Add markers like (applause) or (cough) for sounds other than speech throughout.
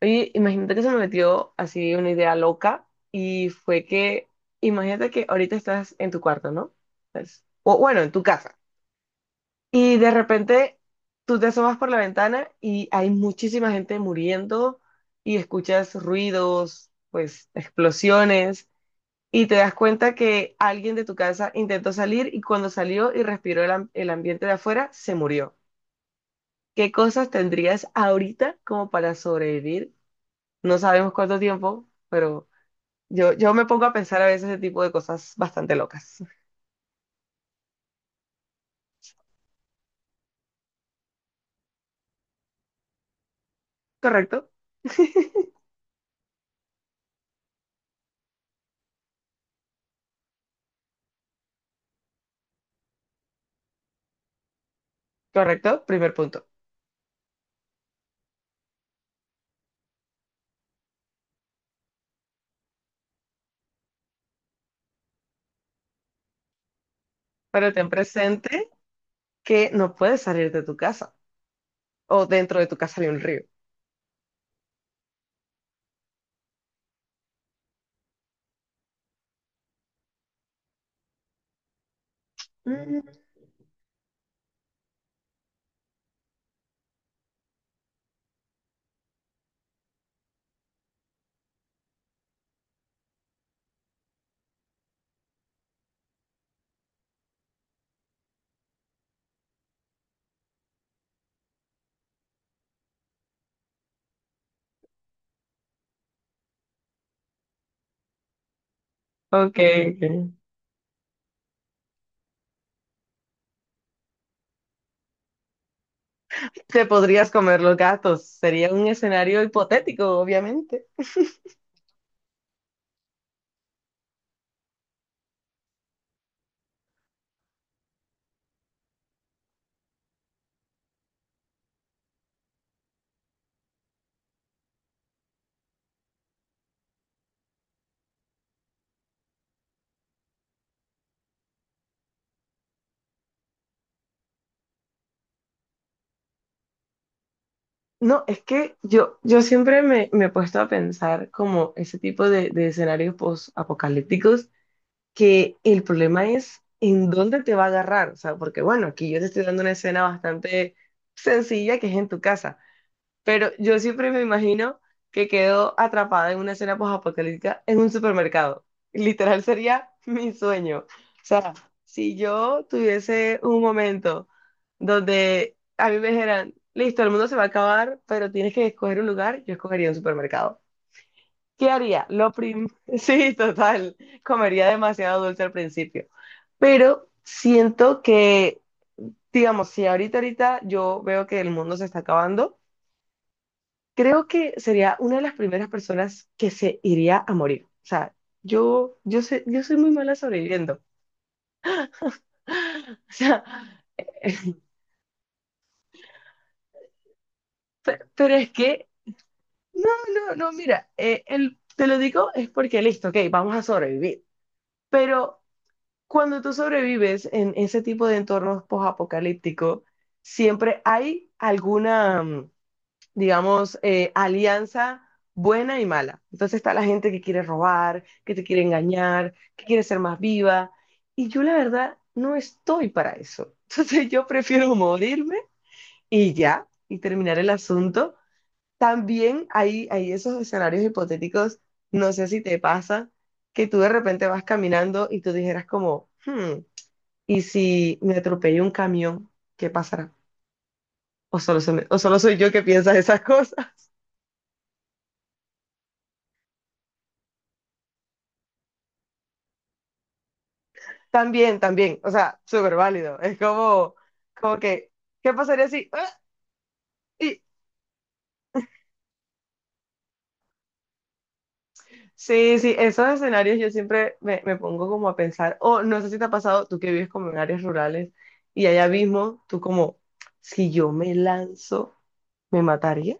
Oye, imagínate que se me metió así una idea loca y fue que, imagínate que ahorita estás en tu cuarto, ¿no? Pues, o bueno, en tu casa. Y de repente tú te asomas por la ventana y hay muchísima gente muriendo y escuchas ruidos, pues explosiones y te das cuenta que alguien de tu casa intentó salir y cuando salió y respiró el ambiente de afuera, se murió. ¿Qué cosas tendrías ahorita como para sobrevivir? No sabemos cuánto tiempo, pero... Yo me pongo a pensar a veces ese tipo de cosas bastante locas. ¿Correcto? ¿Correcto? Primer punto. Pero ten presente que no puedes salir de tu casa o dentro de tu casa hay un río. Mm. Ok, ok. Te podrías comer los gatos. Sería un escenario hipotético, obviamente. No, es que yo siempre me he puesto a pensar como ese tipo de escenarios post, que el problema es en dónde te va a agarrar, o sea, porque bueno, aquí yo te estoy dando una escena bastante sencilla que es en tu casa, pero yo siempre me imagino que quedo atrapada en una escena postapocalíptica en un supermercado. Literal sería (laughs) mi sueño. O sea, si yo tuviese un momento donde a mí me dijeran, listo, el mundo se va a acabar, pero tienes que escoger un lugar, yo escogería un supermercado. ¿Qué haría? Lo prim... (laughs) Sí, total. Comería demasiado dulce al principio, pero siento que, digamos, si ahorita yo veo que el mundo se está acabando, creo que sería una de las primeras personas que se iría a morir. O sea, yo sé, yo soy muy mala sobreviviendo. (gasps) (laughs) O sea, pero es que, no, no, no, mira, te lo digo es porque listo, ok, vamos a sobrevivir. Pero cuando tú sobrevives en ese tipo de entornos post siempre hay alguna, digamos, alianza buena y mala. Entonces está la gente que quiere robar, que te quiere engañar, que quiere ser más viva. Y yo la verdad no estoy para eso. (laughs) Entonces yo prefiero morirme y ya, y terminar el asunto. También hay esos escenarios hipotéticos, no sé si te pasa, que tú de repente vas caminando y tú dijeras como, "Hmm, ¿y si me atropella un camión? ¿Qué pasará? O solo, se me- o solo soy yo que piensa esas (laughs) cosas". También, también, o sea, súper válido. Es como, como que, ¿qué pasaría si? Ah, y... Sí, sí, esos escenarios yo siempre me pongo como a pensar, o no sé si te ha pasado, tú que vives como en áreas rurales y allá mismo, tú como, si yo me lanzo, ¿me mataría?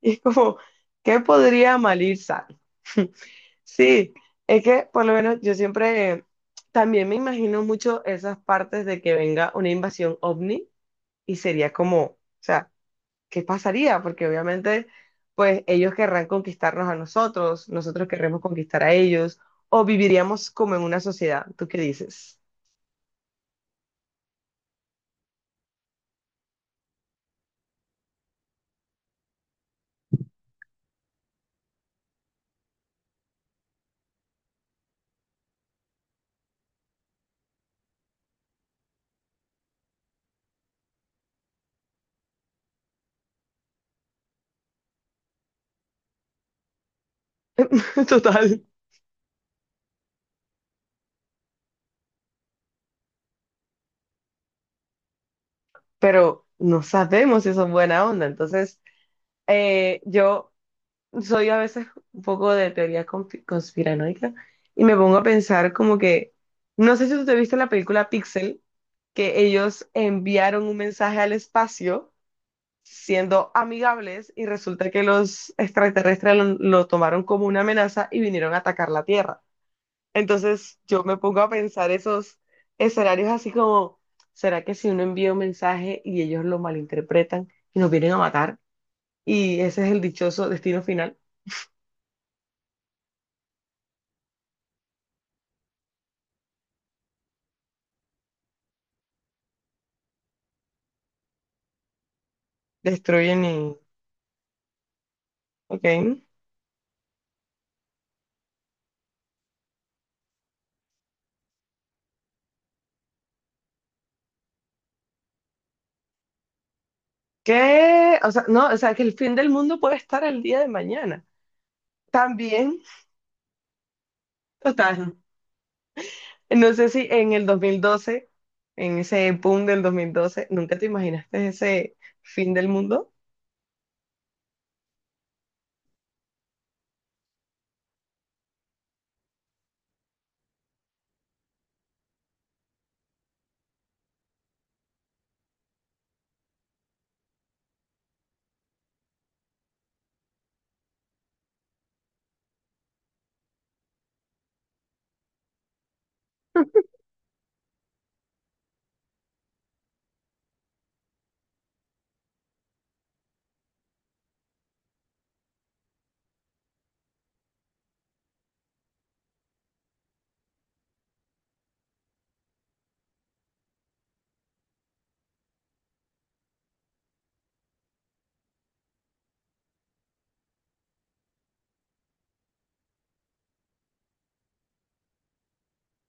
Y es como, ¿qué podría mal ir sano? (laughs) Sí, es que por lo menos yo siempre también me imagino mucho esas partes de que venga una invasión ovni, y sería como, o sea, ¿qué pasaría? Porque obviamente, pues ellos querrán conquistarnos a nosotros, nosotros querremos conquistar a ellos, o viviríamos como en una sociedad, ¿tú qué dices? (laughs) Total. Pero no sabemos si son buena onda, entonces yo soy a veces un poco de teoría conspiranoica y me pongo a pensar como que, no sé si tú te viste la película Pixel, que ellos enviaron un mensaje al espacio siendo amigables y resulta que los extraterrestres lo tomaron como una amenaza y vinieron a atacar la Tierra. Entonces yo me pongo a pensar esos escenarios así como, ¿será que si uno envía un mensaje y ellos lo malinterpretan y nos vienen a matar? Y ese es el dichoso destino final. Destruyen y... Ok. ¿Qué? O sea, no, o sea, que el fin del mundo puede estar el día de mañana. También, total, no sé si en el 2012, en ese boom del 2012, ¿nunca te imaginaste ese fin del mundo?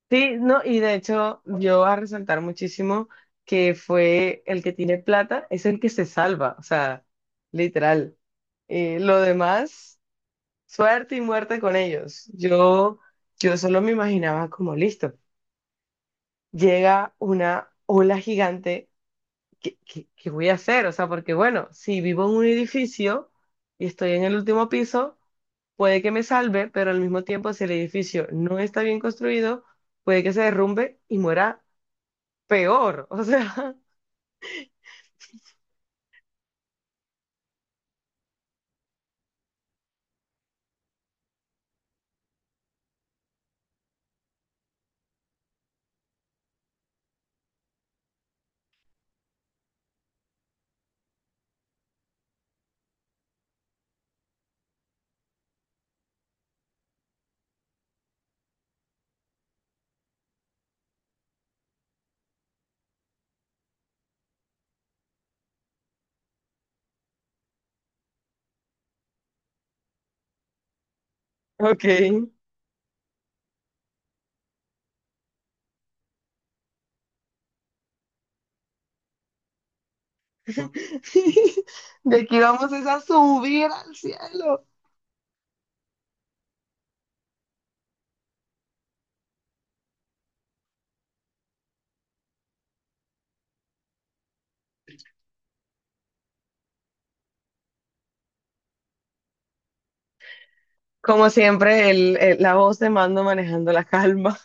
Sí, no, y de hecho yo voy a resaltar muchísimo que fue el que tiene plata, es el que se salva, o sea, literal. Lo demás, suerte y muerte con ellos. Yo solo me imaginaba como listo. Llega una ola gigante, ¿qué, qué- qué voy a hacer? O sea, porque bueno, si vivo en un edificio y estoy en el último piso, puede que me salve, pero al mismo tiempo, si el edificio no está bien construido, puede que se derrumbe y muera peor. O sea, (laughs) ok. (laughs) De aquí vamos es a subir al cielo. Como siempre, la voz de mando manejando la calma.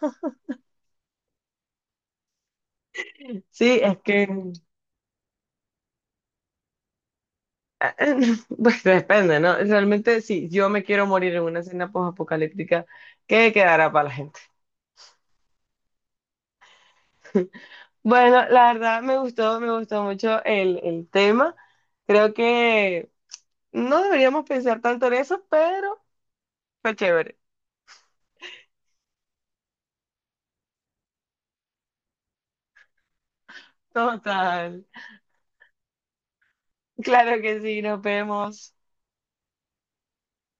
(laughs) Sí, es que ah, (laughs) pues depende, ¿no? Realmente, si yo me quiero morir en una escena post-apocalíptica, ¿qué quedará para la gente? (laughs) Bueno, la verdad me gustó mucho el tema. Creo que no deberíamos pensar tanto en eso, pero fue chévere. Total. Claro que sí, nos vemos.